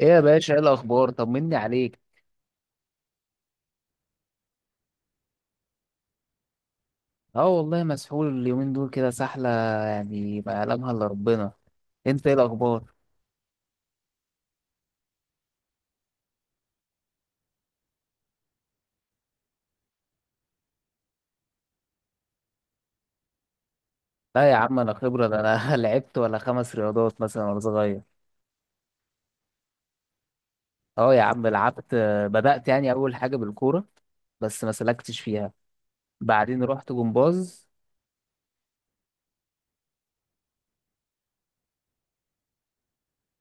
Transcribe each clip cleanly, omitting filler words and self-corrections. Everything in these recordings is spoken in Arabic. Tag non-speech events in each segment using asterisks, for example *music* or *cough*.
ايه يا باشا، ايه الاخبار؟ طمني عليك. اه والله مسحول اليومين دول كده سحله. يعني ما يعلمها الا ربنا. انت ايه الاخبار؟ لا يا عم انا خبره، ده انا *laughs* لعبت ولا خمس رياضات مثلا وانا صغير. اه يا عم لعبت. بدات يعني اول حاجه بالكوره بس ما سلكتش فيها. بعدين رحت جمباز.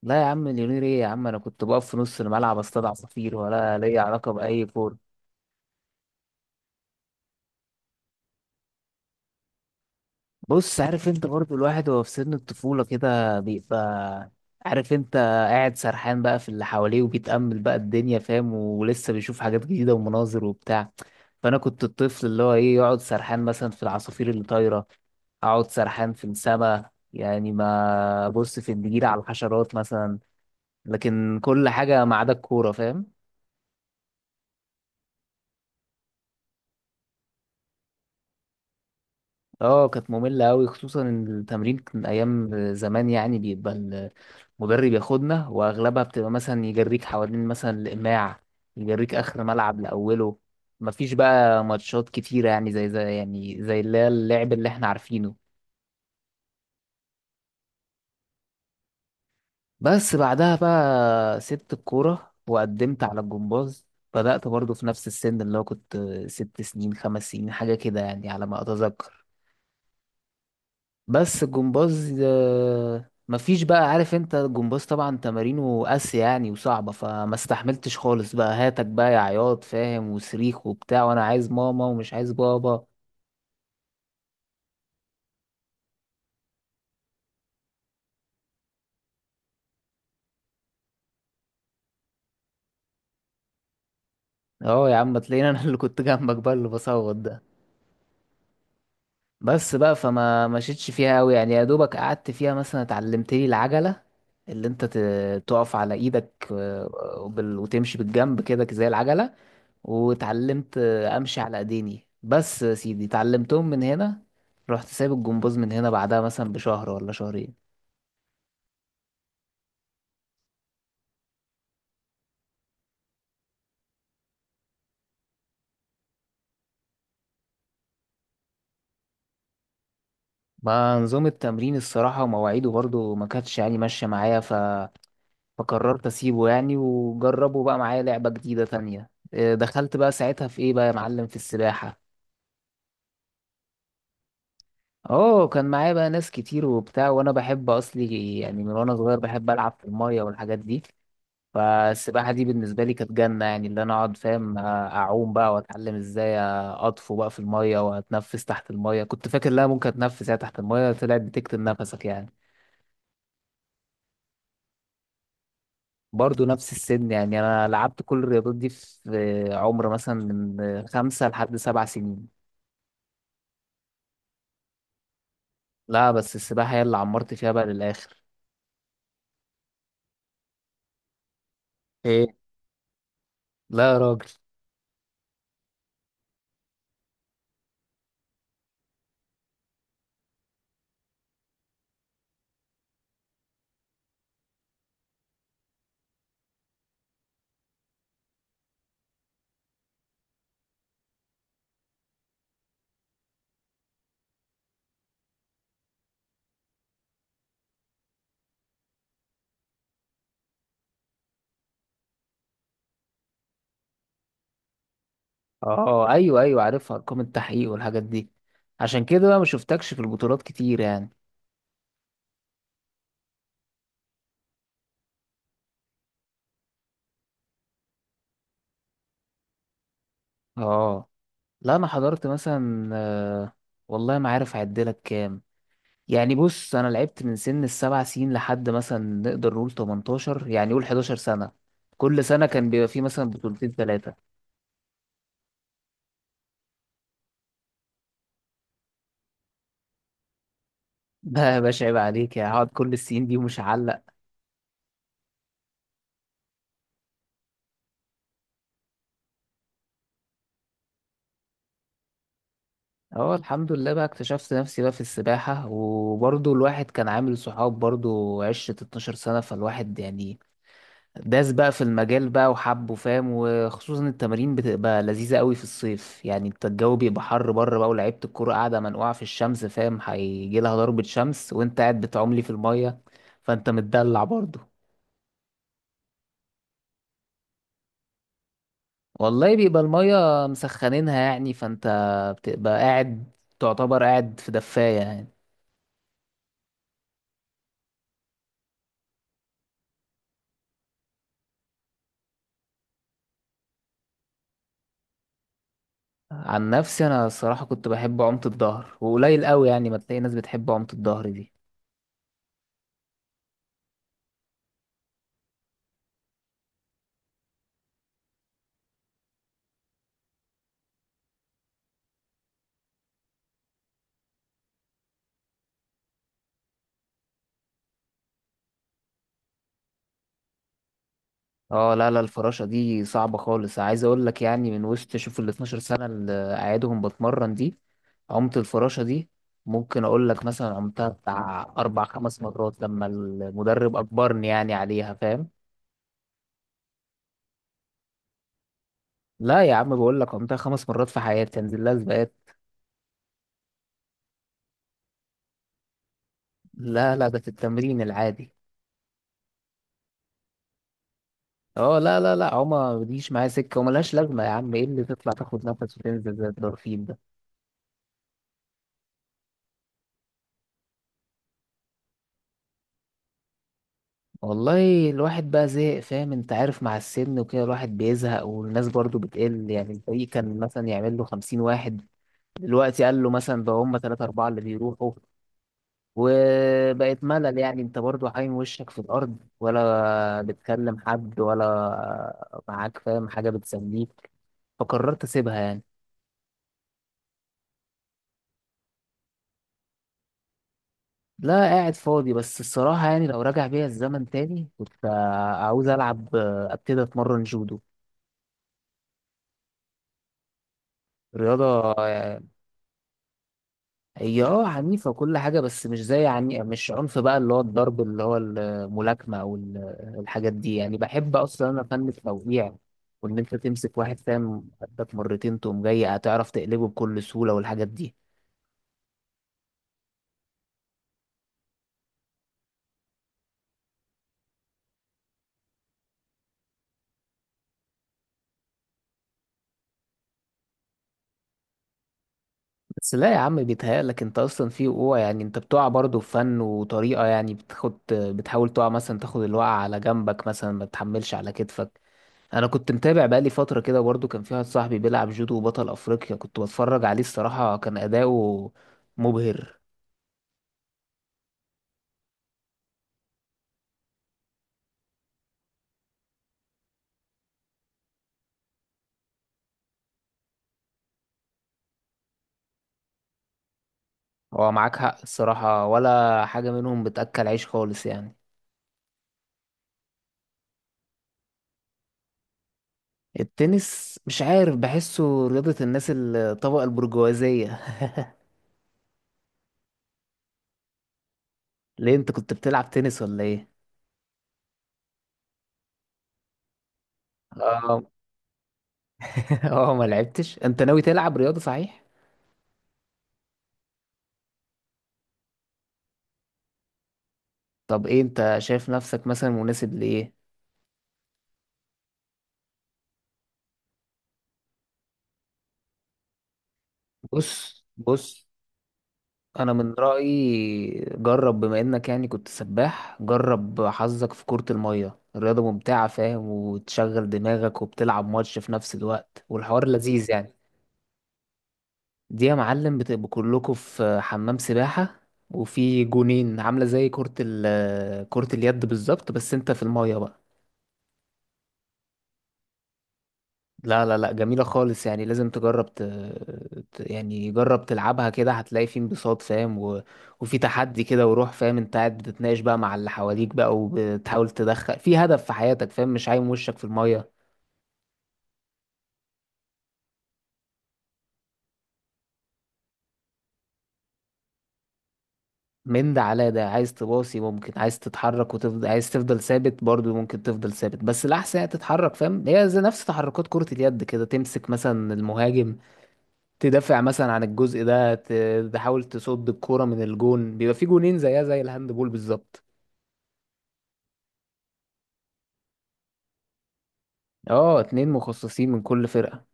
لا يا عم اليونير ايه يا عم، انا كنت بقف في نص الملعب اصطاد عصافير ولا ليا علاقه باي كوره. بص، عارف انت برضو الواحد وهو في سن الطفولة كده بيبقى عارف انت، قاعد سرحان بقى في اللي حواليه وبيتأمل بقى الدنيا فاهم، ولسه بيشوف حاجات جديدة ومناظر وبتاع. فأنا كنت الطفل اللي هو ايه، يقعد سرحان مثلا في العصافير اللي طايرة، أقعد سرحان في السما، يعني ما أبص في النجيلة على الحشرات مثلا. لكن كل حاجة ما عدا الكورة فاهم. اه كانت مملة أوي، خصوصا إن التمرين كان أيام زمان يعني بيبقى المدرب ياخدنا وأغلبها بتبقى مثلا يجريك حوالين مثلا الإماع، يجريك آخر ملعب لأوله. مفيش بقى ماتشات كتيرة يعني زي اللي هي اللعب اللي احنا عارفينه. بس بعدها بقى سبت الكورة وقدمت على الجمباز. بدأت برضو في نفس السن، اللي هو كنت ست سنين خمس سنين حاجة كده يعني على ما أتذكر. بس الجمباز ده مفيش بقى، عارف انت الجمباز طبعا تمارينه قاسية يعني وصعبة، فما استحملتش خالص بقى، هاتك بقى يا عياط فاهم، وصريخ وبتاع، وانا عايز ماما ومش عايز بابا. اه يا عم تلاقيني انا *laughs* اللي كنت جنبك بقى اللي بصوت ده. بس بقى فما مشيتش فيها قوي يعني، يا دوبك قعدت فيها مثلا اتعلمتلي العجلة، اللي انت تقف على ايدك، وتمشي بالجنب كده زي العجلة. واتعلمت امشي على ايديني. بس يا سيدي اتعلمتهم من هنا، رحت سايب الجمباز من هنا بعدها مثلا بشهر ولا شهرين. ما نظام التمرين الصراحة ومواعيده برضو ما كانتش يعني ماشية معايا. فقررت اسيبه يعني وجربه بقى معايا لعبة جديدة تانية دخلت بقى ساعتها في ايه بقى يا معلم، في السباحة. اه كان معايا بقى ناس كتير وبتاع، وانا بحب اصلي يعني، من وانا صغير بحب العب في المية والحاجات دي. فالسباحة دي بالنسبة لي كانت جنة يعني، اللي أنا أقعد فاهم أعوم بقى وأتعلم إزاي أطفو بقى في المية وأتنفس تحت المية. كنت فاكر لا ممكن أتنفس يعني تحت المية، طلعت بتكتم نفسك يعني. برضه نفس السن يعني، أنا لعبت كل الرياضات دي في عمر مثلا من خمسة لحد سبع سنين. لا بس السباحة هي اللي عمرت فيها بقى للآخر. إيه؟ لا يا راجل. أه أيوه أيوه عارفها، أرقام التحقيق والحاجات دي. عشان كده بقى ما شفتكش في البطولات كتير يعني. أه لا انا حضرت مثلا. والله ما عارف اعدلك كام، يعني بص انا لعبت من سن السبع سنين لحد مثلا نقدر نقول 18، يعني قول 11 سنه. كل سنه كان بيبقى فيه مثلا بطولتين ثلاثه. *laughs* لا يا باشا عيب عليك، يعني هقعد كل السنين دي ومش هعلق؟ اه الحمد لله بقى اكتشفت نفسي بقى في السباحه، وبرضه الواحد كان عامل صحاب، برضه عشره 12 سنه، فالواحد يعني داس بقى في المجال بقى وحبه فاهم، وخصوصا التمارين بتبقى لذيذة قوي في الصيف يعني، انت الجو بيبقى حر بره بقى، ولعيبة الكورة قاعدة منقوعة في الشمس فاهم، هيجي لها ضربة شمس وانت قاعد بتعملي في المية، فانت متدلع برضه. والله بيبقى المية مسخنينها يعني، فانت بتبقى قاعد، تعتبر قاعد في دفاية يعني. عن نفسي انا الصراحة كنت بحب عومة الظهر، وقليل قوي يعني ما تلاقي ناس بتحب عومة الظهر دي. اه لا لا، الفراشة دي صعبة خالص، عايز اقول لك يعني من وسط، شوف ال 12 سنة اللي قاعدهم بتمرن دي، عمت الفراشة دي ممكن اقول لك مثلا عمتها بتاع اربع خمس مرات، لما المدرب اجبرني يعني عليها فاهم. لا يا عم بقول لك عمتها خمس مرات في حياتي انزل لها سباقات. لا لا ده في التمرين العادي. اه لا لا لا، عمى ما بتجيش معايا سكة وملهاش لازمة، يا عم ايه اللي تطلع تاخد نفس وتنزل زي الدرفين. والله الواحد بقى زهق فاهم، انت عارف مع السن وكده الواحد بيزهق، والناس برضو بتقل يعني، الفريق كان مثلا يعمل له خمسين واحد، دلوقتي قال له مثلا بقى هم تلاتة أربعة اللي بيروحوا. وبقت ملل يعني، انت برضو حايم وشك في الأرض، ولا بتكلم حد ولا معاك فاهم حاجة بتسليك، فقررت أسيبها يعني. لا قاعد فاضي. بس الصراحة يعني لو راجع بيا الزمن تاني كنت عاوز ألعب، أبتدي أتمرن جودو. رياضة. هي اه عنيفة وكل حاجة، بس مش زي عني، مش عنف بقى اللي هو الضرب، اللي هو الملاكمة الحاجات دي يعني. بحب أصلا أنا فن التوقيع، وإن أنت تمسك واحد فاهم قدك مرتين تقوم جاي هتعرف تقلبه بكل سهولة والحاجات دي. بس لا يا عم بيتهيألك أنت أصلا في وقوع يعني، أنت بتقع برضه في فن وطريقة يعني، بتاخد بتحاول تقع مثلا تاخد الوقعة على جنبك مثلا ما تحملش على كتفك. انا كنت متابع بقالي فتره كده، برضو كان في واحد صاحبي بيلعب جودو وبطل افريقيا كنت بتفرج عليه، الصراحه كان اداؤه مبهر. هو معاك حق الصراحه، ولا حاجه منهم بتاكل عيش خالص يعني. التنس مش عارف بحسه رياضه الناس الطبقه البرجوازيه. *laughs* ليه انت كنت بتلعب تنس ولا ايه؟ اه. *laughs* اه ما لعبتش. انت ناوي تلعب رياضه صحيح؟ طب ايه، انت شايف نفسك مثلا مناسب لايه؟ بص بص، انا من رايي جرب، بما انك يعني كنت سباح، جرب حظك في كرة المية. الرياضة ممتعة فاهم، وتشغل دماغك، وبتلعب ماتش في نفس الوقت، والحوار لذيذ يعني. دي يا معلم بتبقوا كلكم في حمام سباحة، وفي جونين، عاملة زي كرة كرة اليد بالظبط، بس انت في المية بقى. لا لا لا، جميلة خالص يعني، لازم تجرب. يعني جرب تلعبها كده، هتلاقي في انبساط فاهم. وفي تحدي كده وروح فاهم، انت قاعد بتتناقش بقى مع اللي حواليك بقى، وبتحاول تدخل في هدف في حياتك فاهم، مش عايم وشك في المية. من ده على ده، عايز تباصي ممكن، عايز تتحرك وتفضل، عايز تفضل ثابت برضو ممكن تفضل ثابت، بس الأحسن هي تتحرك فاهم، هي زي نفس تحركات كرة اليد كده، تمسك مثلا المهاجم، تدافع مثلا عن الجزء ده، تحاول تصد الكورة من الجون، بيبقى في جونين زيها زي الهاند بول بالظبط. اه اتنين مخصصين من كل فرقة.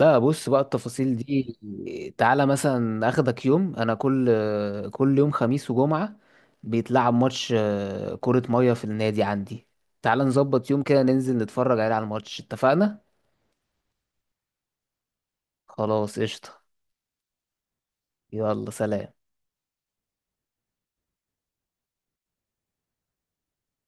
لا بص بقى التفاصيل دي، تعالى مثلا اخدك يوم، انا كل يوم خميس وجمعة بيتلعب ماتش كرة مية في النادي عندي. تعالى نظبط يوم كده ننزل نتفرج عليه على الماتش، اتفقنا؟ خلاص قشطة. يلا سلام.